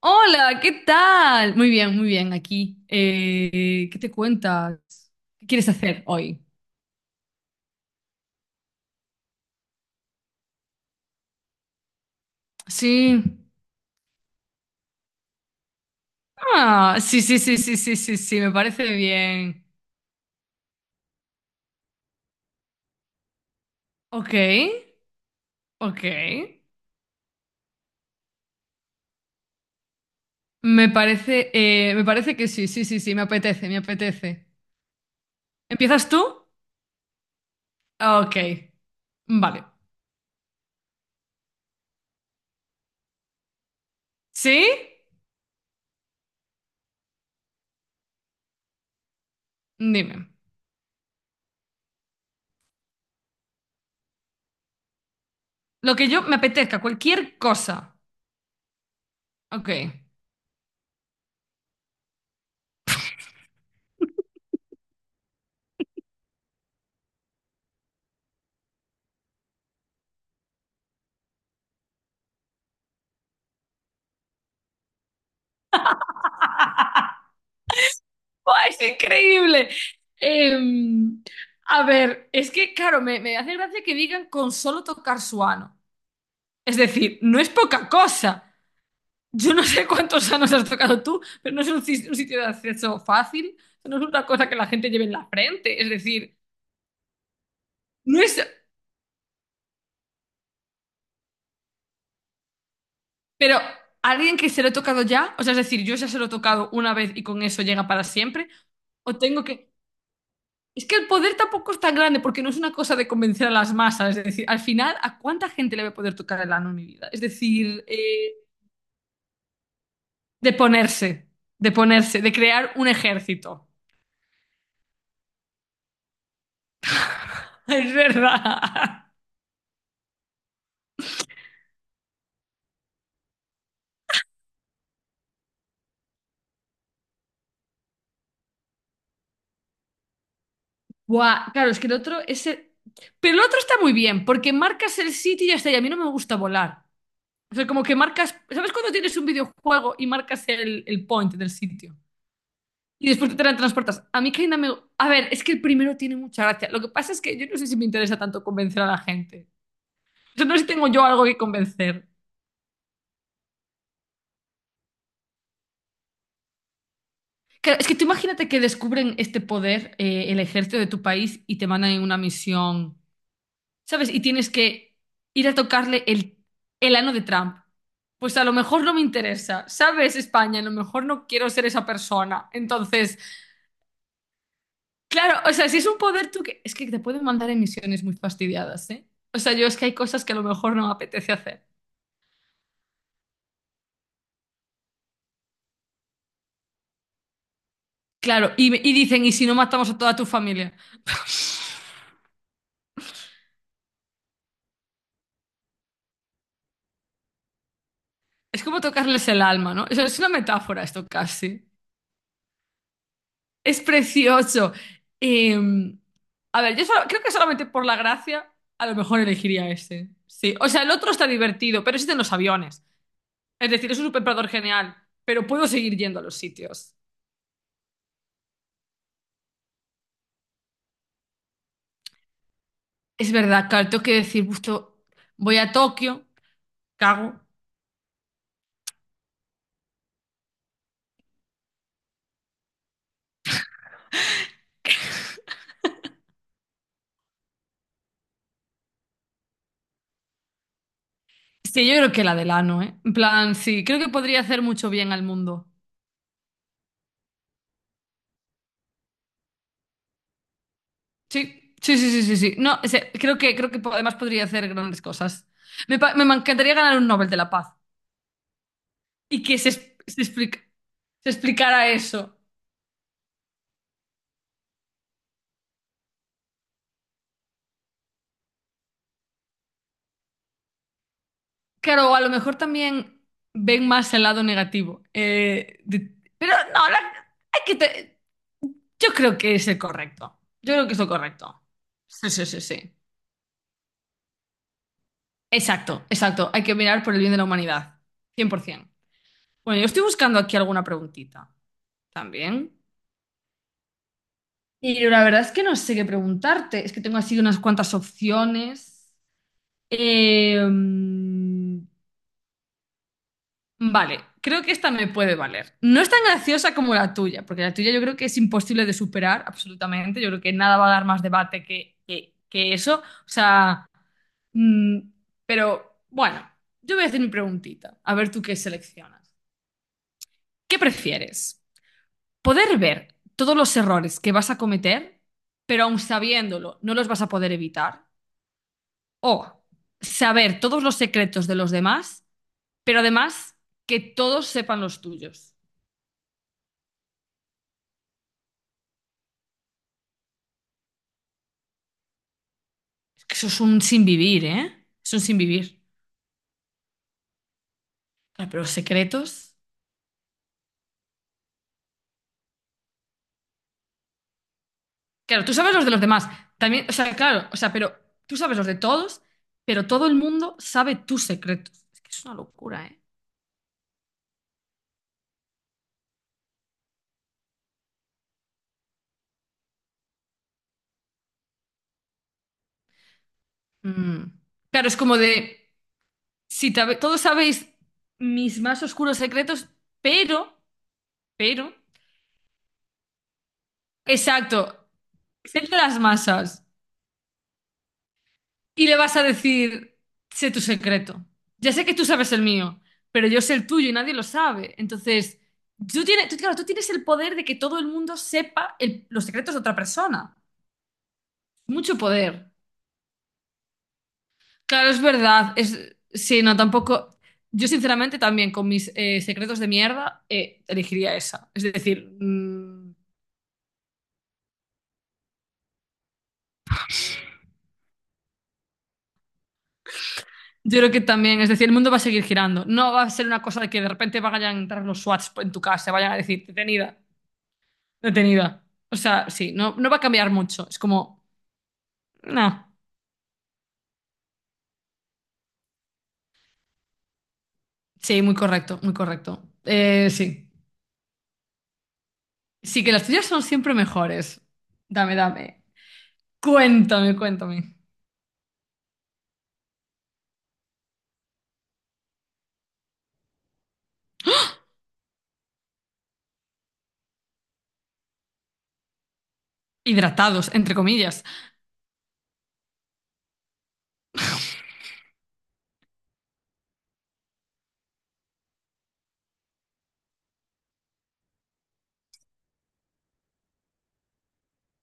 Hola, ¿qué tal? Muy bien, aquí. ¿Qué te cuentas? ¿Qué quieres hacer hoy? Sí. Ah, sí, sí, sí, sí, sí, sí, sí, me parece bien. Ok, ok. Me parece que sí, sí, sí, sí, me apetece, me apetece. ¿Empiezas tú? Ok, vale. ¿Sí? Dime. Lo que yo me apetezca, cualquier cosa. Ok. ¡Buah, es increíble! Em, a ver, es que, claro, me hace gracia que digan con solo tocar su ano. Es decir, no es poca cosa. Yo no sé cuántos anos has tocado tú, pero no es un, un sitio de acceso fácil. No es una cosa que la gente lleve en la frente. Es decir, no es... Pero alguien que se lo he tocado ya, o sea, es decir, yo ya se lo he tocado una vez y con eso llega para siempre, o tengo que... Es que el poder tampoco es tan grande porque no es una cosa de convencer a las masas. Es decir, al final, ¿a cuánta gente le va a poder tocar el ano en mi vida? Es decir, de ponerse, de ponerse, de crear un ejército. Es verdad. Buah, claro, es que el otro es el- Pero el otro está muy bien porque marcas el sitio y ya está. Y a mí no me gusta volar. O sea, como que marcas... ¿Sabes cuando tienes un videojuego y marcas el point del sitio? Y después te la transportas. A mí Kaina me... A ver, es que el primero tiene mucha gracia. Lo que pasa es que yo no sé si me interesa tanto convencer a la gente. Yo no sé si tengo yo algo que convencer. Claro, es que tú imagínate que descubren este poder, el ejército de tu país, y te mandan en una misión, ¿sabes? Y tienes que ir a tocarle el ano de Trump. Pues a lo mejor no me interesa, ¿sabes? España, a lo mejor no quiero ser esa persona. Entonces, claro, o sea, si es un poder tú que... Es que te pueden mandar en misiones muy fastidiadas, ¿eh? O sea, yo es que hay cosas que a lo mejor no me apetece hacer. Claro, y dicen, ¿y si no matamos a toda tu familia? Es como tocarles el alma, ¿no? Eso es una metáfora esto casi. Es precioso. Eh, a ver, creo que solamente por la gracia a lo mejor elegiría ese. Sí, o sea, el otro está divertido, pero existen los aviones. Es decir, es un superpoder genial, pero puedo seguir yendo a los sitios. Es verdad, claro, tengo que decir, justo voy a Tokio. Cago. Sí, yo creo que la del ano, ¿eh? En plan, sí, creo que podría hacer mucho bien al mundo. Sí, sí, sí, sí, sí, sí. No, o sea, creo que además podría hacer grandes cosas. Me encantaría ganar un Nobel de la Paz y que se explicara eso. Claro, a lo mejor también ven más el lado negativo. Pero no, hay que te- yo creo que es el correcto. Yo creo que es lo correcto. Sí, sí, sí, sí. Exacto, exacto. Hay que mirar por el bien de la humanidad. 100%. Bueno, yo estoy buscando aquí alguna preguntita también. Y la verdad es que no sé qué preguntarte. Es que tengo así unas cuantas opciones. Eh, mm, vale, creo que esta me puede valer. No es tan graciosa como la tuya, porque la tuya yo creo que es imposible de superar, absolutamente. Yo creo que nada va a dar más debate que, que eso. O sea, mm, pero bueno, yo voy a hacer mi preguntita. A ver tú qué seleccionas. ¿Qué prefieres? Poder ver todos los errores que vas a cometer, pero aun sabiéndolo, no los vas a poder evitar. O saber todos los secretos de los demás, pero además que todos sepan los tuyos. Es que eso es un sin vivir, ¿eh? Es un sin vivir. Claro, pero los secretos. Claro, tú sabes los de los demás. También, o sea, claro, o sea, pero tú sabes los de todos, pero todo el mundo sabe tus secretos. Es que es una locura, ¿eh? Mm. Claro, es como de. Si tabe- Todos sabéis mis más oscuros secretos, pero, pero, exacto, sé de las masas y le vas a decir, sé tu secreto. Ya sé que tú sabes el mío, pero yo sé el tuyo y nadie lo sabe. Entonces, tú tienes el poder de que todo el mundo sepa los secretos de otra persona. Mucho poder. Claro, es verdad. Es, sí, no, tampoco. Yo, sinceramente, también con mis secretos de mierda, elegiría esa. Es decir, yo creo que también, es decir, el mundo va a seguir girando. No va a ser una cosa de que de repente vayan a entrar los SWATs en tu casa, vayan a decir, detenida, detenida. O sea, sí, no, no va a cambiar mucho. Es como, no. Sí, muy correcto, muy correcto. Sí. Sí, que las tuyas son siempre mejores. Dame, dame. Cuéntame, cuéntame. Hidratados, entre comillas.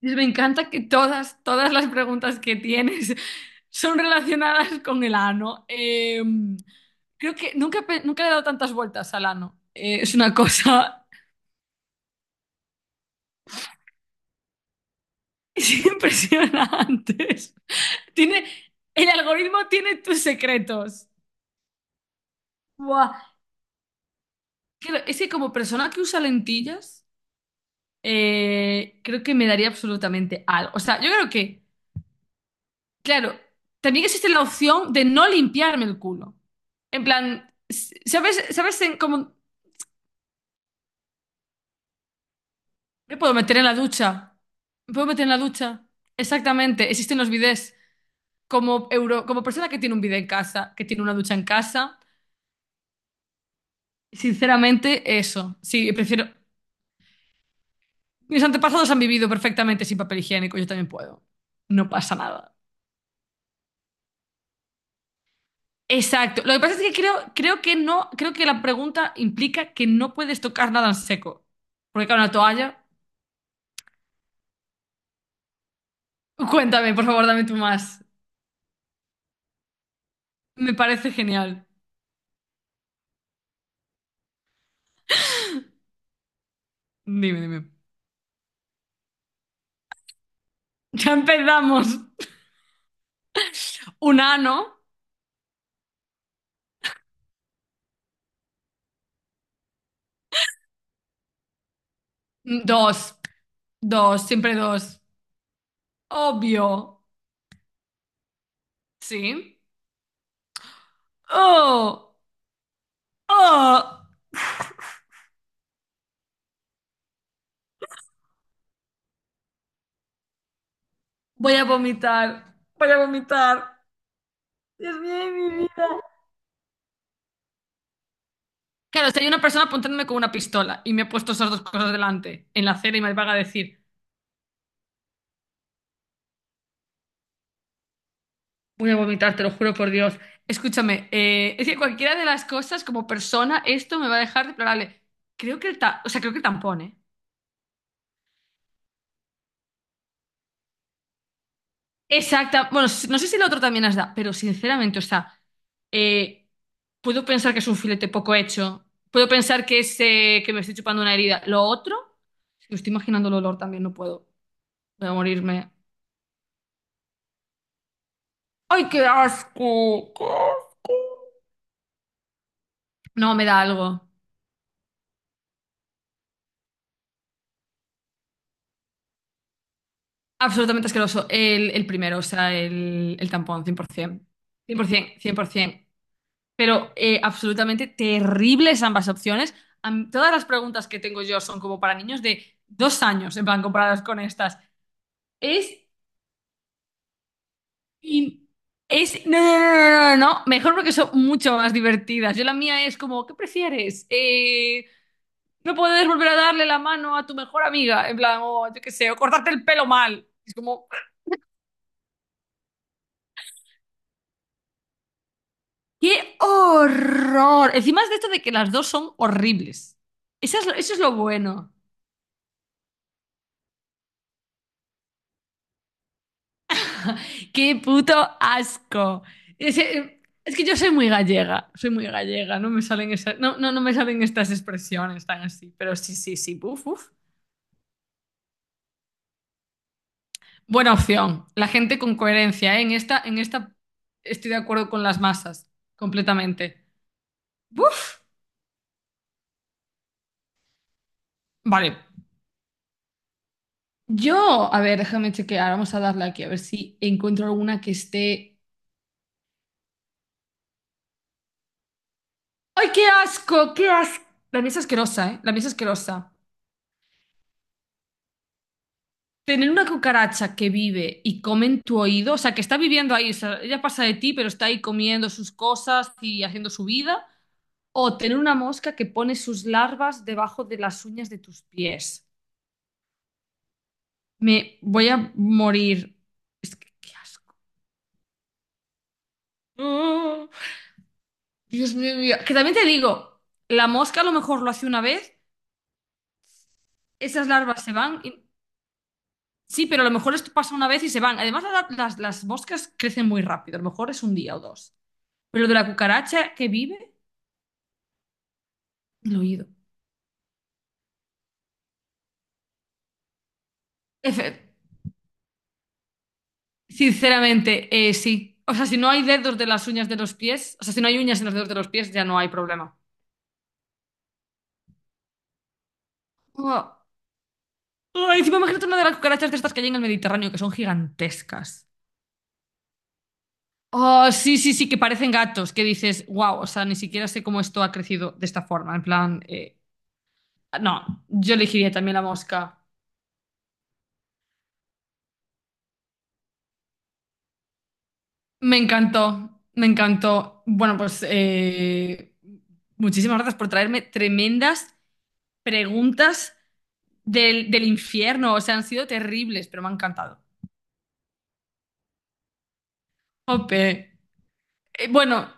Me encanta que todas, todas las preguntas que tienes son relacionadas con el ano. Creo que nunca, nunca le he dado tantas vueltas al ano. Es una cosa es impresionante. Tiene, el algoritmo tiene tus secretos. Buah. Es que como persona que usa lentillas, creo que me daría absolutamente algo. O sea, yo creo que... Claro, también existe la opción de no limpiarme el culo. En plan, ¿sabes, sabes en cómo me puedo meter en la ducha? ¿Me puedo meter en la ducha? Exactamente, existen los bidés. Como euro, como persona que tiene un bidé en casa, que tiene una ducha en casa, sinceramente, eso. Sí, prefiero. Mis antepasados han vivido perfectamente sin papel higiénico, yo también puedo. No pasa nada. Exacto. Lo que pasa es que creo, creo que no, creo que la pregunta implica que no puedes tocar nada en seco. Porque claro, una toalla. Cuéntame, por favor, dame tú más. Me parece genial. Dime, dime. Ya empezamos. Un ano. Dos. Dos, siempre dos. Obvio. ¿Sí? Oh, oh. Voy a vomitar. Voy a vomitar. Dios mío, de mi vida. Claro, si hay una persona apuntándome con una pistola y me ha puesto esas dos cosas delante en la acera y me va a decir. Voy a vomitar, te lo juro por Dios. Escúchame, es que cualquiera de las cosas como persona, esto me va a dejar deplorable. Creo que o sea, creo que el tampón, ¿eh? Exacta. Bueno, no sé si el otro también has dado, pero sinceramente, o sea, eh, puedo pensar que es un filete poco hecho. Puedo pensar que es que me estoy chupando una herida. Lo otro, es que estoy imaginando el olor también, no puedo. Voy a morirme. ¡Ay, qué asco! ¡Qué asco! No, me da algo. Absolutamente asqueroso. El primero, o sea, el tampón, cien por ciento. Cien, por cien por 100%. Pero absolutamente terribles ambas opciones. Todas las preguntas que tengo yo son como para niños de dos años, en plan, comparadas con estas. Es... in- es... No, no, no, no, no, no. no. Mejor porque son mucho más divertidas. Yo la mía es como, ¿qué prefieres? No puedes volver a darle la mano a tu mejor amiga, en plan, o yo qué sé, o cortarte el pelo mal. Es como, ¡qué horror! Encima es de esto de que las dos son horribles. Eso es lo bueno. ¡Qué puto asco! Es que yo soy muy gallega, no me salen esas, no, no, no me salen estas expresiones tan así, pero sí, sí, sí, buf, buf. Buena opción. La gente con coherencia, ¿eh? En esta estoy de acuerdo con las masas, completamente. ¡Buf! Vale. Yo, a ver, déjame chequear, vamos a darle aquí, a ver si encuentro alguna que esté ¡ay, qué asco! ¡Qué asco! La mía es asquerosa, ¿eh? La mía es asquerosa. Tener una cucaracha que vive y come en tu oído, o sea, que está viviendo ahí, o sea, ella pasa de ti, pero está ahí comiendo sus cosas y haciendo su vida. O tener una mosca que pone sus larvas debajo de las uñas de tus pies. Me voy a morir. Es que, qué asco. ¡Ah! Dios mío, mío. Que también te digo, la mosca a lo mejor lo hace una vez, esas larvas se van y sí, pero a lo mejor esto pasa una vez y se van. Además, las moscas crecen muy rápido. A lo mejor es un día o dos. Pero lo de la cucaracha que vive, el oído. Efe- Sinceramente, sí. O sea, si no hay dedos de las uñas de los pies, o sea, si no hay uñas en los dedos de los pies, ya no hay problema. Oh. Oh, encima imagínate una de las cucarachas de estas que hay en el Mediterráneo, que son gigantescas. Oh, sí, sí, sí, que parecen gatos, que dices, wow, o sea, ni siquiera sé cómo esto ha crecido de esta forma. En plan, no, yo elegiría también la mosca. Me encantó, me encantó. Bueno, pues muchísimas gracias por traerme tremendas preguntas del infierno. O sea, han sido terribles, pero me han encantado. Jope. Bueno,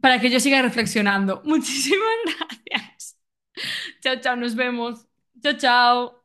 para que yo siga reflexionando. Muchísimas gracias. Chao, chao, nos vemos. Chao, chao.